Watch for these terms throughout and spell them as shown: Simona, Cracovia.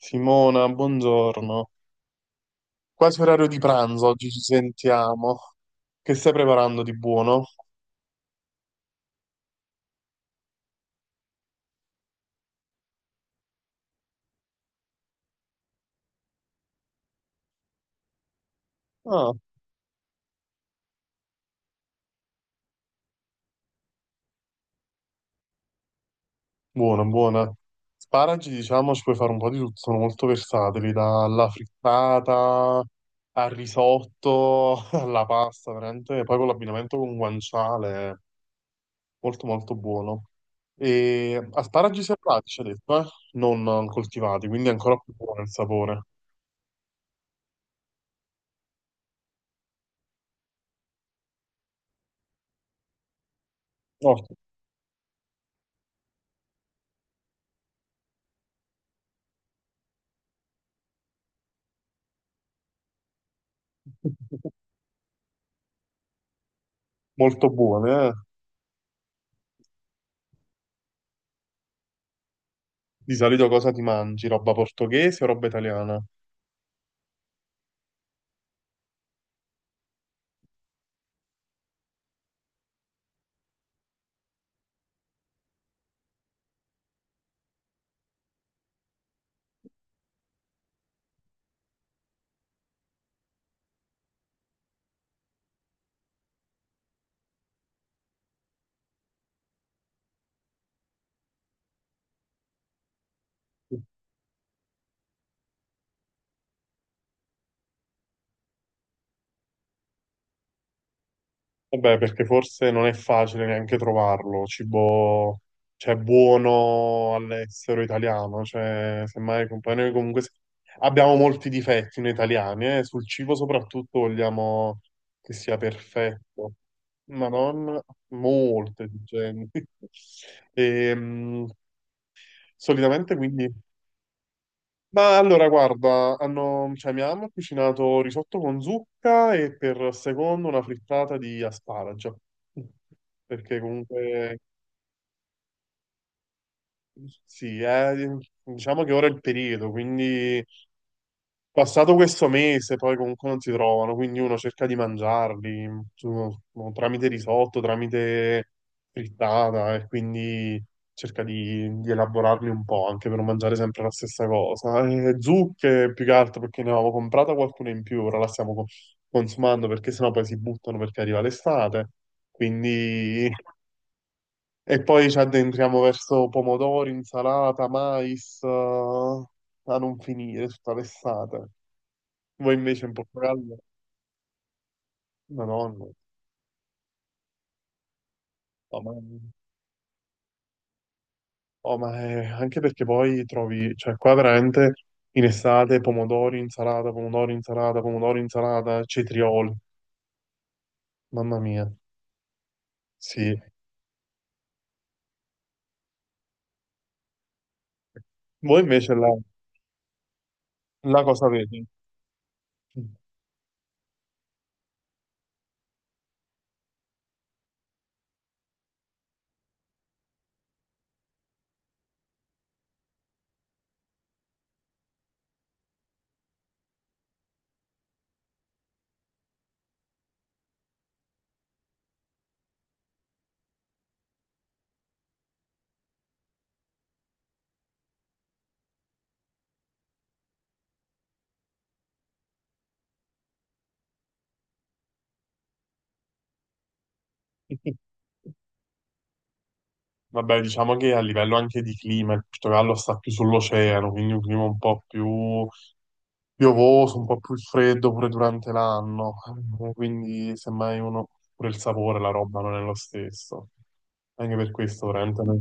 Simona, buongiorno. Quasi orario di pranzo, oggi ci sentiamo. Che stai preparando di buono? Ah, buona, buona. Sparagi, diciamo, ci puoi fare un po' di tutto, sono molto versatili, dalla frittata al risotto, alla pasta, veramente. Poi con l'abbinamento con guanciale, molto molto buono. E asparagi selvatici, ci ha detto, eh? Non coltivati, quindi è ancora più buono il sapore. Ottimo. Molto buone, eh? Di solito cosa ti mangi? Roba portoghese o roba italiana? Vabbè, perché forse non è facile neanche trovarlo, cibo, cioè, buono all'estero italiano, cioè, semmai poi noi comunque abbiamo molti difetti noi italiani, sul cibo soprattutto vogliamo che sia perfetto, ma non molto esigenti. Ehm, solitamente quindi ma allora, guarda, hanno, cioè, mia mamma ha cucinato risotto con zucca e per secondo una frittata di asparagi. Perché comunque, sì, diciamo che ora è il periodo, quindi passato questo mese, poi comunque non si trovano, quindi uno cerca di mangiarli boh, tramite risotto, tramite frittata e quindi cerca di elaborarli un po' anche per non mangiare sempre la stessa cosa. E zucche più che altro perché ne avevamo comprata qualcuna in più, ora la stiamo consumando perché sennò poi si buttano perché arriva l'estate. Quindi... e poi ci addentriamo verso pomodori, insalata, mais, a non finire tutta l'estate. Voi invece in Portogallo? Madonna, oh, ma, oh, ma anche perché poi trovi, cioè qua veramente in estate pomodori, insalata, pomodori, insalata, pomodori, insalata, cetrioli, mamma mia, sì. Voi invece la, la cosa avete? Vabbè, diciamo che a livello anche di clima, il Portogallo sta più sull'oceano, quindi un clima un po' più piovoso, un po' più freddo pure durante l'anno, quindi semmai uno pure il sapore, la roba non è lo stesso. Anche per questo, veramente, noi,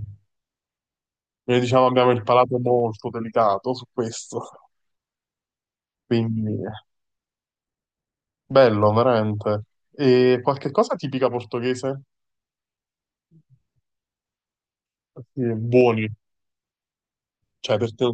noi, diciamo abbiamo il palato molto delicato su questo, quindi bello, veramente. E qualche cosa tipica portoghese? Sì, buoni, cioè per te,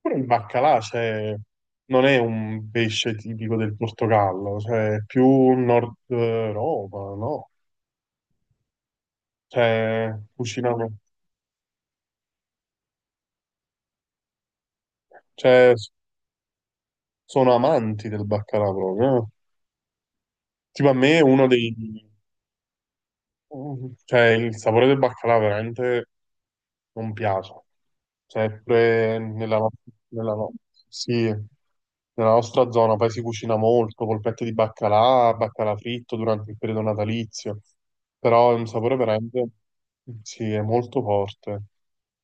pure il baccalà, cioè, non è un pesce tipico del Portogallo, cioè è più Nord Europa, no? Cioè, cucinano, cioè sono amanti del baccalà proprio. Eh. Tipo a me uno dei... cioè il sapore del baccalà veramente non piace. Sempre nella, nella no- sì, nella nostra zona poi si cucina molto, polpette di baccalà, baccalà fritto durante il periodo natalizio, però è un sapore veramente... sì, è molto forte.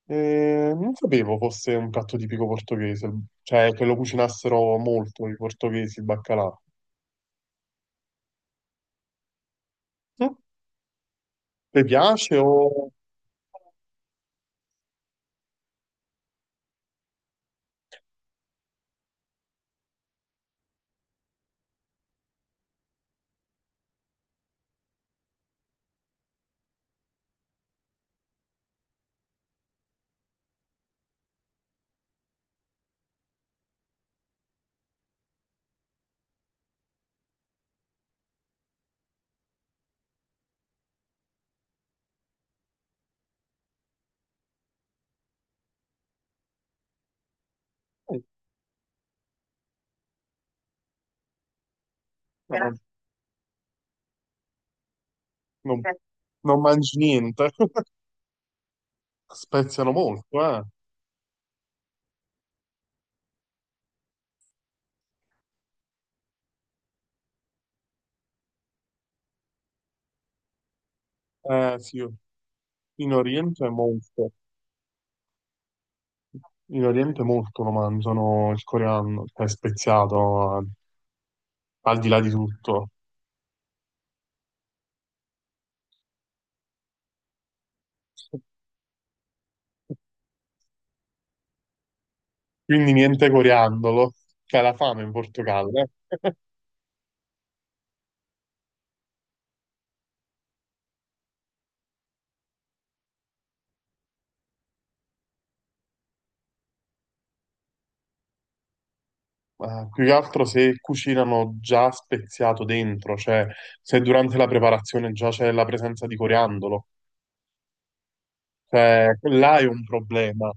E non sapevo fosse un piatto tipico portoghese, cioè che lo cucinassero molto i portoghesi il baccalà. Hm? Ti piace o eh, no, non, grazie. Non mangi niente? Speziano molto, eh? Eh sì, in Oriente è molto. In Oriente molto lo mangiano il coreano, cioè speziato al di là di tutto. Quindi niente coriandolo, c'è la fame in Portogallo. Eh. Più che altro se cucinano già speziato dentro, cioè se durante la preparazione già c'è la presenza di coriandolo, cioè là è un problema.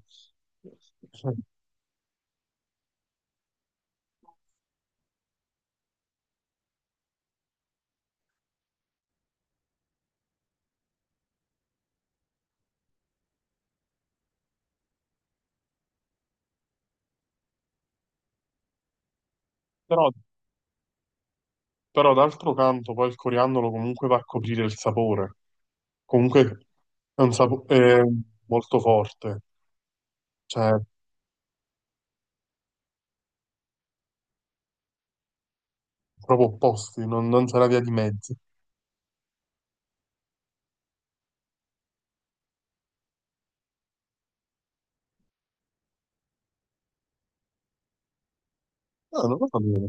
Però, però d'altro canto poi il coriandolo comunque va a coprire il sapore, comunque è un sapore molto forte, cioè proprio opposti, non, non c'era via di mezzo. No, non lo sapevo.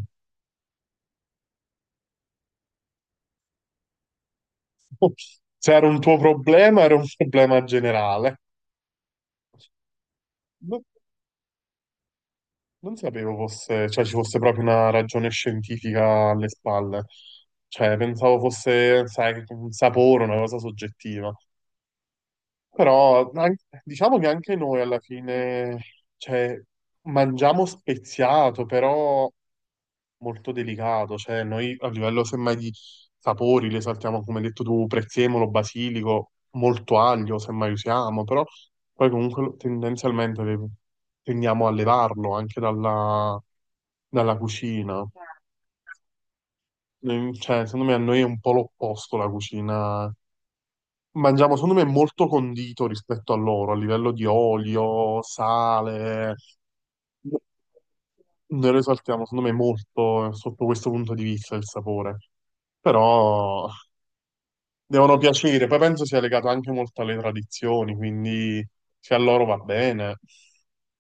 Se era un tuo problema, era un problema generale. Non, non sapevo fosse, cioè, ci fosse proprio una ragione scientifica alle spalle. Cioè, pensavo fosse, sai, un sapore, una cosa soggettiva. Però diciamo che anche noi alla fine, cioè, mangiamo speziato, però molto delicato, cioè noi a livello semmai di sapori le saltiamo, come hai detto tu, prezzemolo, basilico, molto aglio semmai usiamo, però poi comunque tendenzialmente tendiamo a levarlo anche dalla, dalla cucina. Mm, cioè, secondo me a noi è un po' l'opposto la cucina. Mangiamo, secondo me, molto condito rispetto a loro, a livello di olio, sale. Noi risaltiamo, secondo me, molto sotto questo punto di vista il sapore. Però devono piacere. Poi penso sia legato anche molto alle tradizioni, quindi se a loro va bene,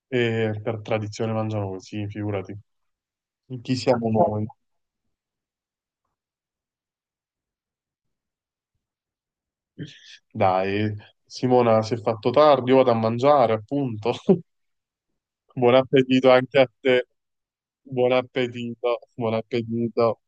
e per tradizione mangiano così, figurati. Chi siamo noi? Dai, Simona si è fatto tardi, io vado a mangiare, appunto. Buon appetito anche a te. Buon appetito, buon appetito.